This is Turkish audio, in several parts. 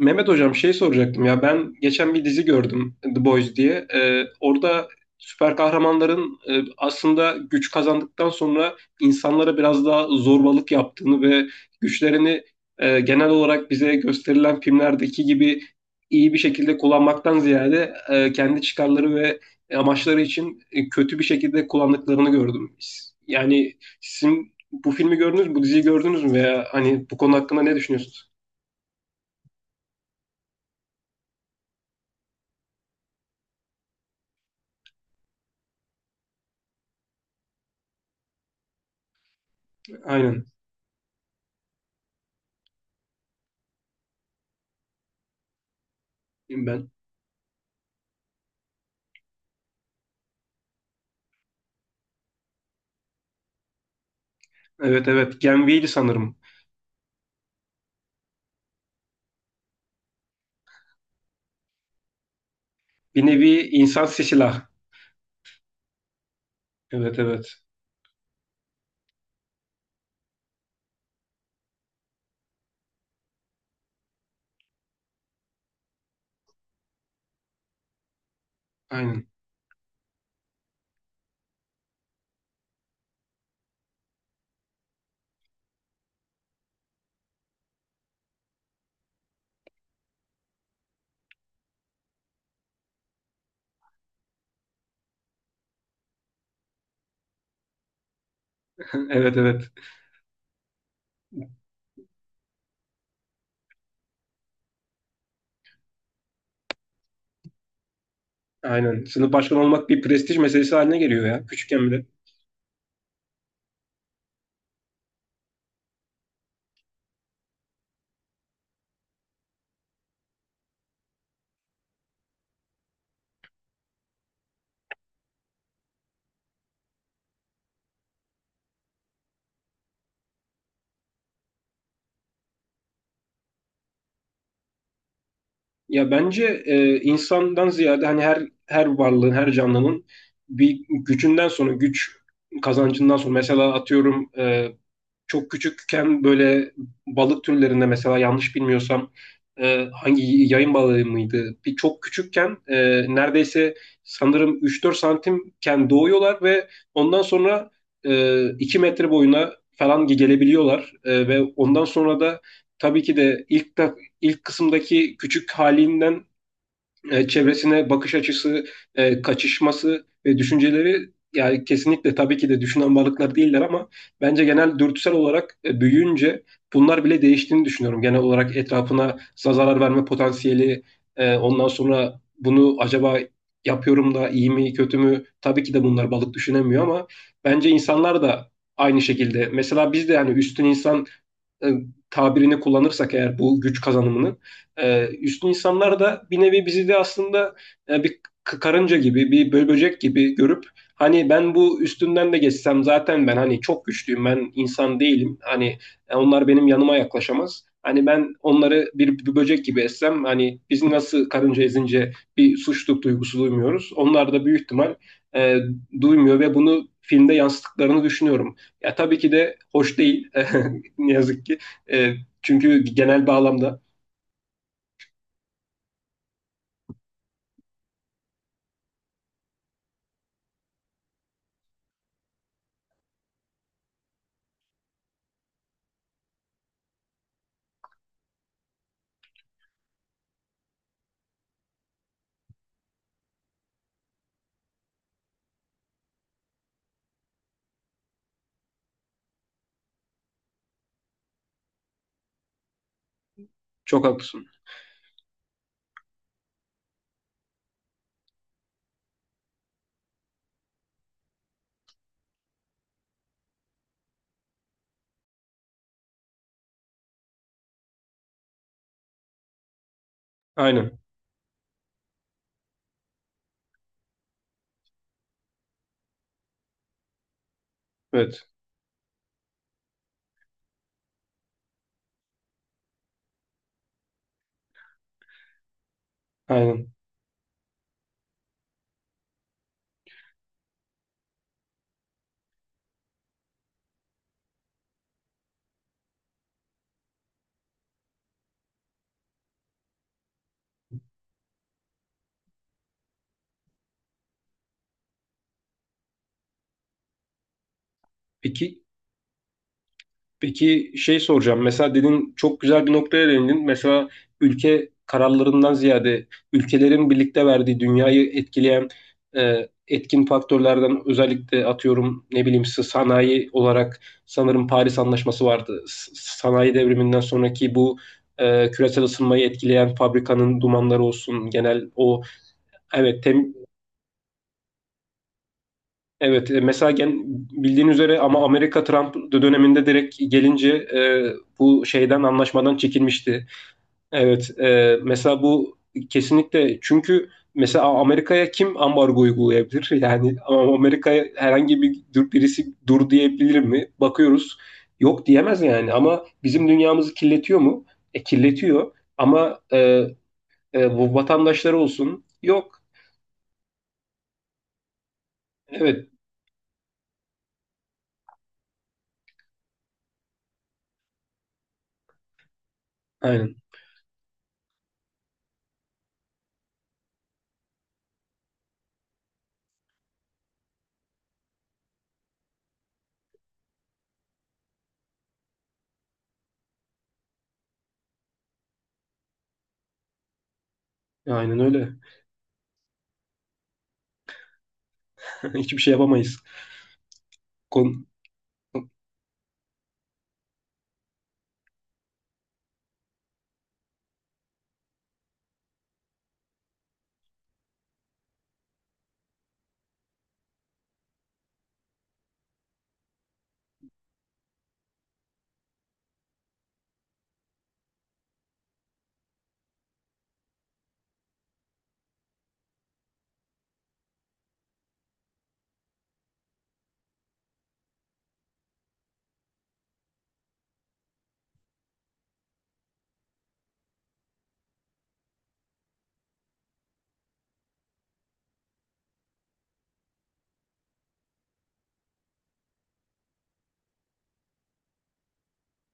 Mehmet hocam şey soracaktım ya ben geçen bir dizi gördüm The Boys diye. Orada süper kahramanların aslında güç kazandıktan sonra insanlara biraz daha zorbalık yaptığını ve güçlerini genel olarak bize gösterilen filmlerdeki gibi iyi bir şekilde kullanmaktan ziyade kendi çıkarları ve amaçları için kötü bir şekilde kullandıklarını gördüm. Yani sizin bu filmi gördünüz mü, bu diziyi gördünüz mü veya hani bu konu hakkında ne düşünüyorsunuz? Aynen ben. Evet, evet. Gen V'ydi sanırım. Bir nevi insan silah. Evet, evet. Aynen. Evet, evet. Aynen. Sınıf başkanı olmak bir prestij meselesi haline geliyor ya. Küçükken bile. Ya bence insandan ziyade hani her varlığın, her canlının bir gücünden sonra güç kazancından sonra, mesela atıyorum çok küçükken böyle balık türlerinde, mesela yanlış bilmiyorsam hangi yayın balığı mıydı? Bir çok küçükken neredeyse sanırım 3-4 santimken doğuyorlar ve ondan sonra 2 metre boyuna falan gelebiliyorlar. Ve ondan sonra da tabii ki de ilk kısımdaki küçük halinden çevresine bakış açısı, kaçışması ve düşünceleri, yani kesinlikle tabii ki de düşünen varlıklar değiller ama bence genel dürtüsel olarak büyüyünce bunlar bile değiştiğini düşünüyorum. Genel olarak etrafına zarar verme potansiyeli, ondan sonra bunu acaba yapıyorum da iyi mi kötü mü? Tabii ki de bunlar balık düşünemiyor ama bence insanlar da aynı şekilde. Mesela biz de yani üstün insan e, tabirini kullanırsak eğer, bu güç kazanımını üstün insanlar da bir nevi bizi de aslında bir karınca gibi, bir böcek gibi görüp, hani ben bu üstünden de geçsem zaten, ben hani çok güçlüyüm, ben insan değilim hani, onlar benim yanıma yaklaşamaz. Hani ben onları bir böcek gibi essem, hani biz nasıl karınca ezince bir suçluluk duygusu duymuyoruz, onlar da büyük ihtimal e, duymuyor ve bunu filmde yansıttıklarını düşünüyorum. Ya tabii ki de hoş değil. Ne yazık ki. E, Çünkü genel bağlamda, çok haklısın. Aynen. Evet. Aynen. Peki Peki, şey soracağım. Mesela dedin, çok güzel bir noktaya değindin. Mesela ülke kararlarından ziyade, ülkelerin birlikte verdiği, dünyayı etkileyen etkin faktörlerden, özellikle atıyorum ne bileyim sanayi olarak, sanırım Paris Anlaşması vardı. Sanayi devriminden sonraki bu küresel ısınmayı etkileyen, fabrikanın dumanları olsun, genel o, evet Evet, mesela bildiğin üzere, ama Amerika Trump döneminde direkt gelince bu şeyden, anlaşmadan çekilmişti. Evet, mesela bu kesinlikle, çünkü mesela Amerika'ya kim ambargo uygulayabilir? Yani ama Amerika'ya herhangi bir dur, birisi dur diyebilir mi? Bakıyoruz, yok diyemez yani. Ama bizim dünyamızı kirletiyor mu? Kirletiyor. Ama bu vatandaşları olsun. Yok. Evet, aynen, aynen öyle. Hiçbir şey yapamayız. Kon-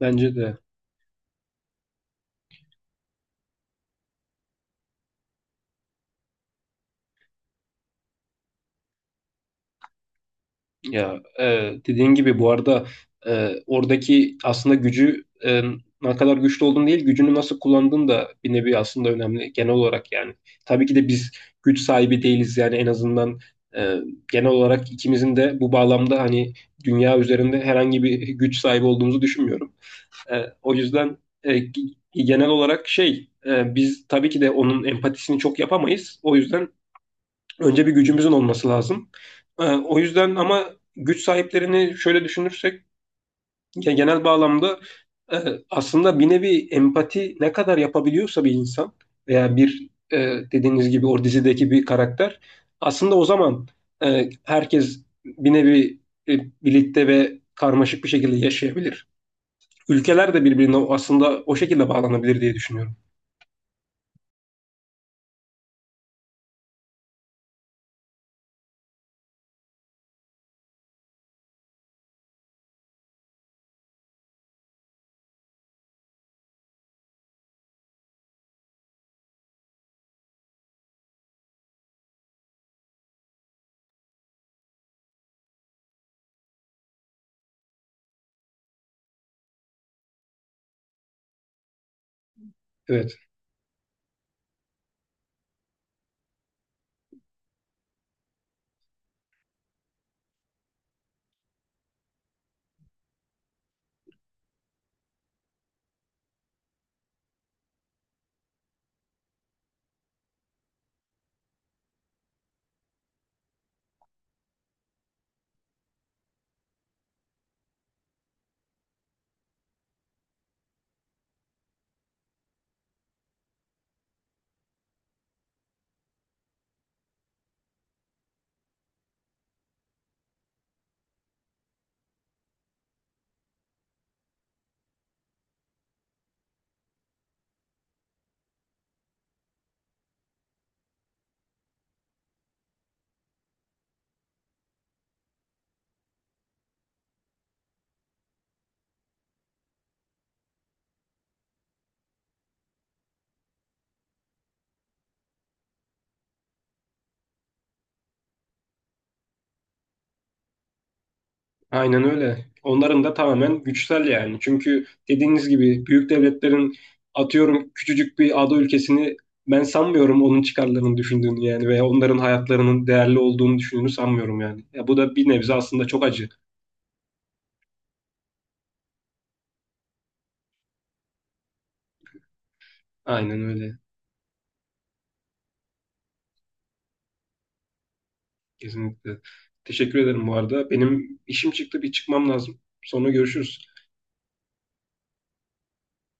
Bence de. Ya dediğin gibi bu arada, oradaki aslında gücü, ne kadar güçlü olduğun değil, gücünü nasıl kullandığın da bir nevi aslında önemli, genel olarak yani. Tabii ki de biz güç sahibi değiliz yani, en azından e, genel olarak ikimizin de bu bağlamda hani, dünya üzerinde herhangi bir güç sahibi olduğumuzu düşünmüyorum. E, O yüzden e, g- genel olarak şey, biz tabii ki de onun empatisini çok yapamayız. O yüzden önce bir gücümüzün olması lazım. O yüzden ama güç sahiplerini şöyle düşünürsek, ya genel bağlamda e, aslında bir nevi empati ne kadar yapabiliyorsa bir insan veya bir, dediğiniz gibi o dizideki bir karakter, aslında o zaman herkes bir nevi e, birlikte ve karmaşık bir şekilde yaşayabilir. Ülkeler de birbirine aslında o şekilde bağlanabilir diye düşünüyorum. Evet. Aynen öyle. Onların da tamamen güçsel yani. Çünkü dediğiniz gibi büyük devletlerin atıyorum, küçücük bir ada ülkesini, ben sanmıyorum onun çıkarlarını düşündüğünü yani, veya onların hayatlarının değerli olduğunu düşündüğünü sanmıyorum yani. Ya bu da bir nebze aslında çok acı. Aynen öyle. Kesinlikle. Teşekkür ederim bu arada. Benim işim çıktı, bir çıkmam lazım. Sonra görüşürüz.